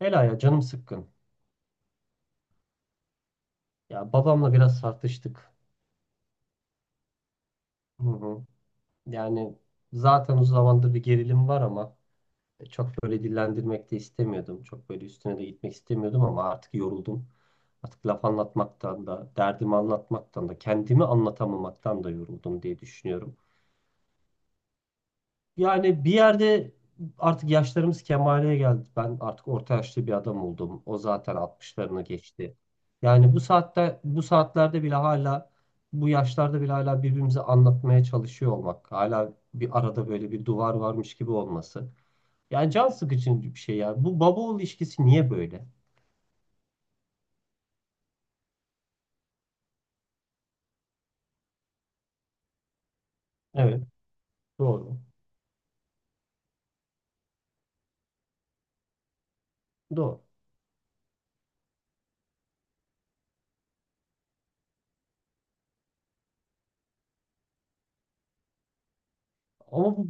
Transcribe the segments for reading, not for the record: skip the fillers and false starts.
Ela ya canım sıkkın. Ya babamla biraz tartıştık. Hı hı. Yani Zaten uzun zamandır bir gerilim var ama çok böyle dillendirmek de istemiyordum. Çok böyle üstüne de gitmek istemiyordum ama artık yoruldum. Artık laf anlatmaktan da, derdimi anlatmaktan da, kendimi anlatamamaktan da yoruldum diye düşünüyorum. Yani bir yerde artık yaşlarımız kemale geldi. Ben artık orta yaşlı bir adam oldum. O zaten 60'larını geçti. Yani bu saatlerde bile hala bu yaşlarda bile hala birbirimize anlatmaya çalışıyor olmak. Hala bir arada böyle bir duvar varmış gibi olması. Yani can sıkıcı bir şey ya. Bu baba oğul ilişkisi niye böyle? Evet, doğru. Doğru. Ama bu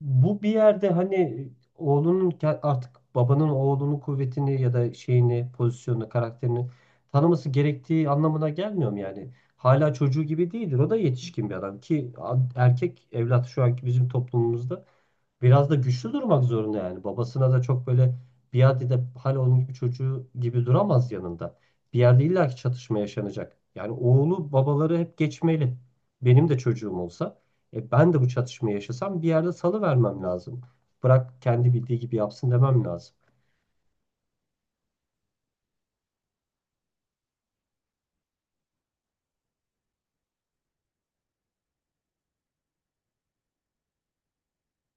Bu bir yerde hani artık babanın oğlunun kuvvetini ya da şeyini, pozisyonunu, karakterini tanıması gerektiği anlamına gelmiyor mu yani? Hala çocuğu gibi değildir. O da yetişkin bir adam ki erkek evlat şu anki bizim toplumumuzda biraz da güçlü durmak zorunda yani. Babasına da çok böyle biat edip hala onun gibi çocuğu gibi duramaz yanında. Bir yerde illaki çatışma yaşanacak. Yani oğlu babaları hep geçmeli. Benim de çocuğum olsa ben de bu çatışmayı yaşasam bir yerde salıvermem lazım. Bırak kendi bildiği gibi yapsın demem lazım.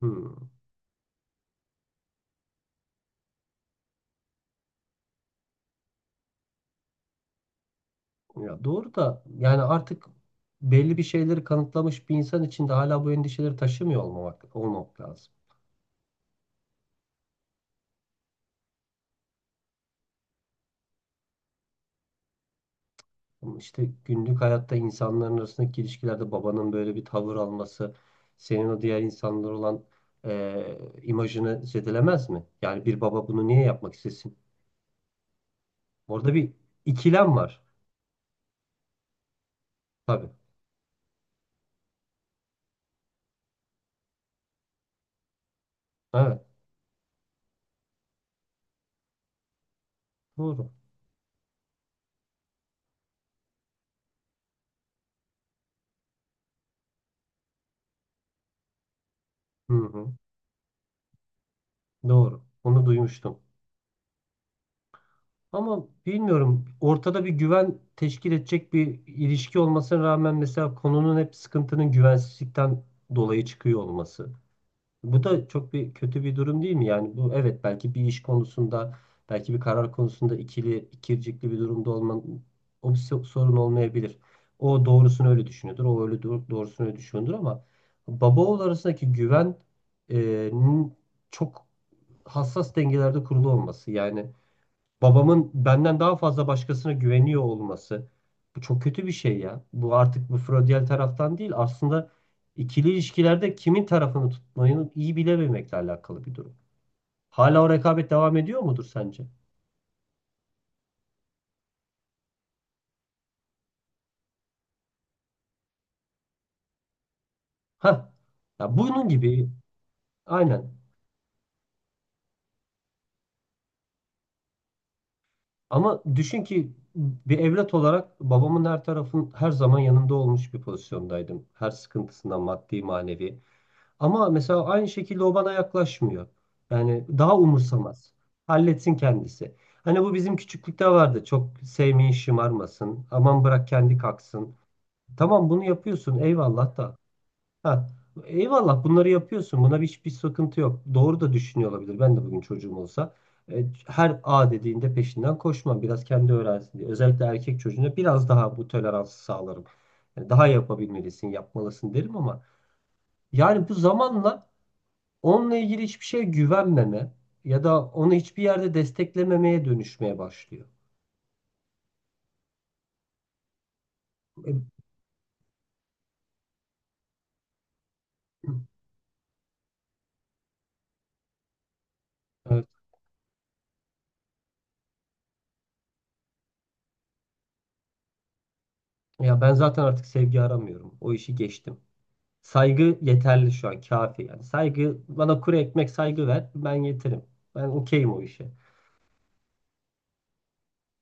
Hmm. Ya doğru da yani artık belli bir şeyleri kanıtlamış bir insan için de hala bu endişeleri olmak lazım. Ama İşte günlük hayatta insanların arasındaki ilişkilerde babanın böyle bir tavır alması senin o diğer insanlar olan imajını zedelemez mi? Yani bir baba bunu niye yapmak istesin? Orada bir ikilem var. Tabii. Evet. Doğru. Hı hı. Doğru. Onu duymuştum. Ama bilmiyorum ortada bir güven teşkil edecek bir ilişki olmasına rağmen mesela konunun hep sıkıntının güvensizlikten dolayı çıkıyor olması. Bu da çok bir kötü bir durum değil mi? Yani bu evet belki bir iş konusunda, belki bir karar konusunda ikircikli bir durumda olman o sorun olmayabilir. O doğrusunu öyle düşünüyordur, o öyle doğrusunu öyle düşünüyordur ama baba oğul arasındaki güven e, nin çok hassas dengelerde kurulu olması. Yani babamın benden daha fazla başkasına güveniyor olması bu çok kötü bir şey ya. Bu artık bu Freudiyen taraftan değil aslında ikili ilişkilerde kimin tarafını tutmayı iyi bilememekle alakalı bir durum. Hala o rekabet devam ediyor mudur sence? Ha, ya bunun gibi aynen. Ama düşün ki bir evlat olarak babamın her zaman yanında olmuş bir pozisyondaydım. Her sıkıntısından maddi manevi. Ama mesela aynı şekilde o bana yaklaşmıyor. Yani daha umursamaz. Halletsin kendisi. Hani bu bizim küçüklükte vardı. Çok sevmeyin şımarmasın. Aman bırak kendi kalksın. Tamam bunu yapıyorsun eyvallah da. Ha, eyvallah bunları yapıyorsun. Buna hiçbir sıkıntı yok. Doğru da düşünüyor olabilir. Ben de bugün çocuğum olsa. Her A dediğinde peşinden koşmam. Biraz kendi öğrensin diye. Özellikle erkek çocuğuna biraz daha bu toleransı sağlarım. Yani daha Yapabilmelisin, yapmalısın derim ama yani bu zamanla onunla ilgili hiçbir şeye güvenmeme ya da onu hiçbir yerde desteklememeye dönüşmeye başlıyor. E, Evet. Ya ben zaten artık sevgi aramıyorum. O işi geçtim. Saygı yeterli şu an, kafi yani. Saygı bana kuru ekmek saygı ver, ben yeterim. Ben okeyim o işe.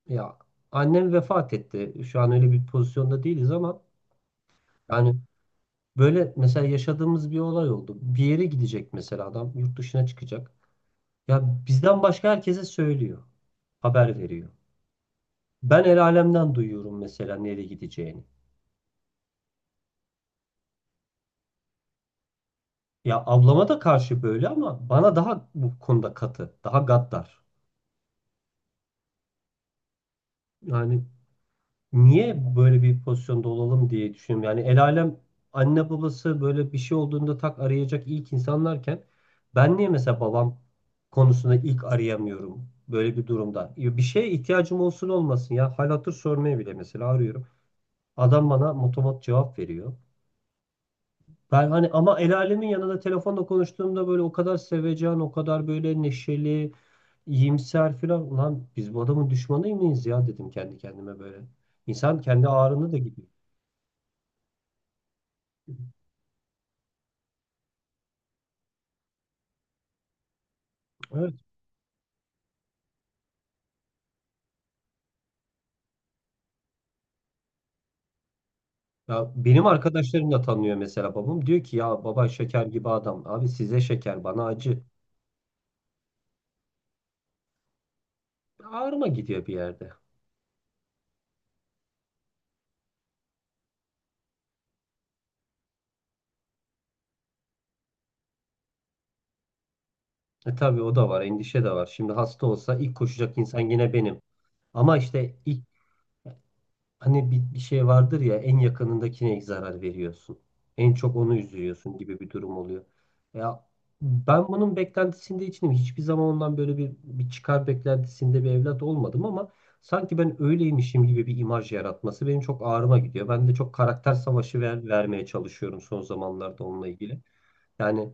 Ya annem vefat etti. Şu an öyle bir pozisyonda değiliz ama yani böyle mesela yaşadığımız bir olay oldu. Bir yere gidecek mesela adam, yurt dışına çıkacak. Ya bizden başka herkese söylüyor, haber veriyor. Ben el alemden duyuyorum mesela nereye gideceğini. Ya ablama da karşı böyle ama bana daha bu konuda katı, daha gaddar. Yani niye böyle bir pozisyonda olalım diye düşünüyorum. Yani el alem anne babası böyle bir şey olduğunda tak arayacak ilk insanlarken ben niye mesela babam konusunda ilk arayamıyorum böyle bir durumda. Ya bir şeye ihtiyacım olsun olmasın ya hal hatır sormaya bile mesela arıyorum. Adam bana motomot cevap veriyor. Ben hani ama el alemin yanında telefonla konuştuğumda böyle o kadar sevecen, o kadar böyle neşeli, iyimser filan. Ulan biz bu adamın düşmanı mıyız ya dedim kendi kendime böyle. İnsan kendi ağrını da gidiyor. Evet. Ya benim arkadaşlarım da tanıyor mesela babam. Diyor ki ya baba şeker gibi adam. Abi size şeker bana acı. Ağrıma gidiyor bir yerde. E tabii o da var, endişe de var. Şimdi hasta olsa ilk koşacak insan yine benim. Ama işte ilk Hani bir şey vardır ya en yakınındakine zarar veriyorsun. En çok onu üzüyorsun gibi bir durum oluyor. Ya ben bunun beklentisinde içinim. Hiçbir zaman ondan böyle bir çıkar beklentisinde bir evlat olmadım ama sanki ben öyleymişim gibi bir imaj yaratması benim çok ağrıma gidiyor. Ben de çok karakter savaşı vermeye çalışıyorum son zamanlarda onunla ilgili. Yani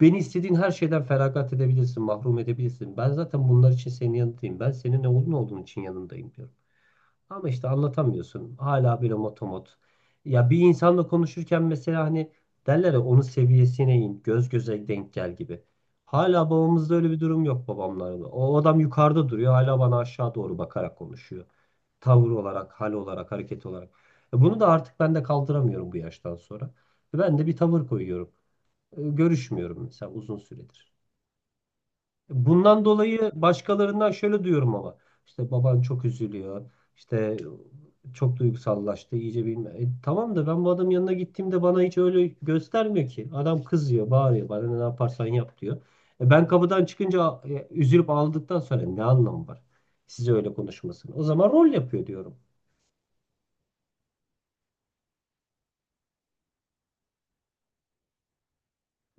beni istediğin her şeyden feragat edebilirsin, mahrum edebilirsin. Ben zaten bunlar için senin yanındayım. Ben senin ne olduğunu olduğun için yanındayım diyorum. Ama işte anlatamıyorsun. Hala böyle motomot. Ya bir insanla konuşurken mesela hani derler ya onun seviyesine in, göz göze denk gel gibi. Hala babamızda öyle bir durum yok babamlarda. O adam yukarıda duruyor, hala bana aşağı doğru bakarak konuşuyor. Tavır olarak, hal olarak, hareket olarak. Bunu da artık ben de kaldıramıyorum bu yaştan sonra. Ben de bir tavır koyuyorum. Görüşmüyorum mesela uzun süredir. Bundan dolayı başkalarından şöyle duyuyorum ama işte baban çok üzülüyor. İşte çok duygusallaştı iyice bilme. Tamam da ben bu adamın yanına gittiğimde bana hiç öyle göstermiyor ki. Adam kızıyor, bağırıyor bana ne yaparsan yap diyor. Ben kapıdan çıkınca üzülüp ağladıktan sonra ne anlamı var? Size öyle konuşmasın. O zaman rol yapıyor diyorum.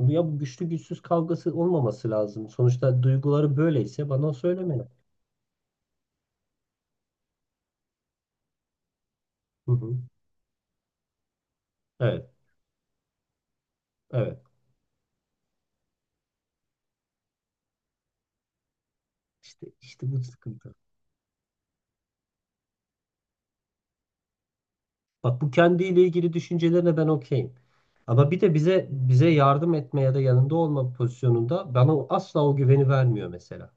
Ya bu güçlü güçsüz kavgası olmaması lazım. Sonuçta duyguları böyleyse bana söylemeli. Hı hı. Evet, evet. İşte, işte bu sıkıntı. Bak bu kendiyle ilgili düşüncelerine ben okeyim. Ama bir de bize yardım etme ya da yanında olma pozisyonunda bana asla o güveni vermiyor mesela.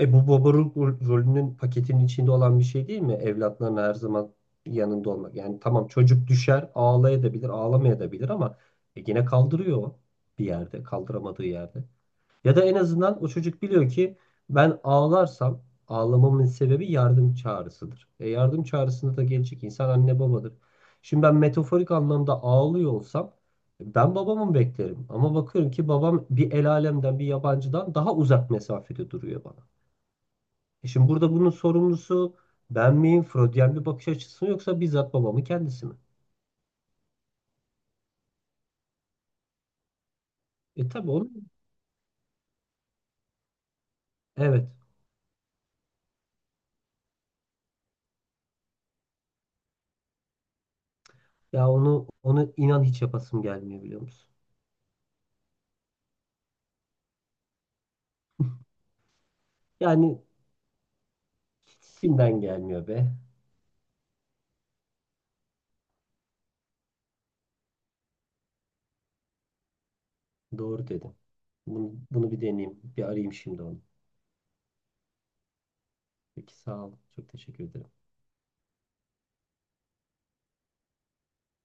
E bu baba ro- Rolünün paketinin içinde olan bir şey değil mi? Evlatların her zaman yanında olmak. Yani tamam çocuk düşer, ağlayabilir, ağlamayabilir ama yine kaldırıyor o bir yerde, kaldıramadığı yerde. Ya da en azından o çocuk biliyor ki ben ağlarsam ağlamamın sebebi yardım çağrısıdır. E yardım çağrısında da gelecek insan anne babadır. Şimdi ben metaforik anlamda ağlıyor olsam ben babamı beklerim. Ama bakıyorum ki babam bir el alemden bir yabancıdan daha uzak mesafede duruyor bana. E şimdi burada bunun sorumlusu ben miyim? Freudyen bir bakış açısı mı yoksa bizzat babamın kendisi mi? E tabii onu Evet. Ya onu inan hiç yapasım gelmiyor biliyor musun? Yani hiç içimden gelmiyor be. Doğru dedim. Bunu bir deneyeyim. Bir arayayım şimdi onu. Peki sağ ol. Çok teşekkür ederim.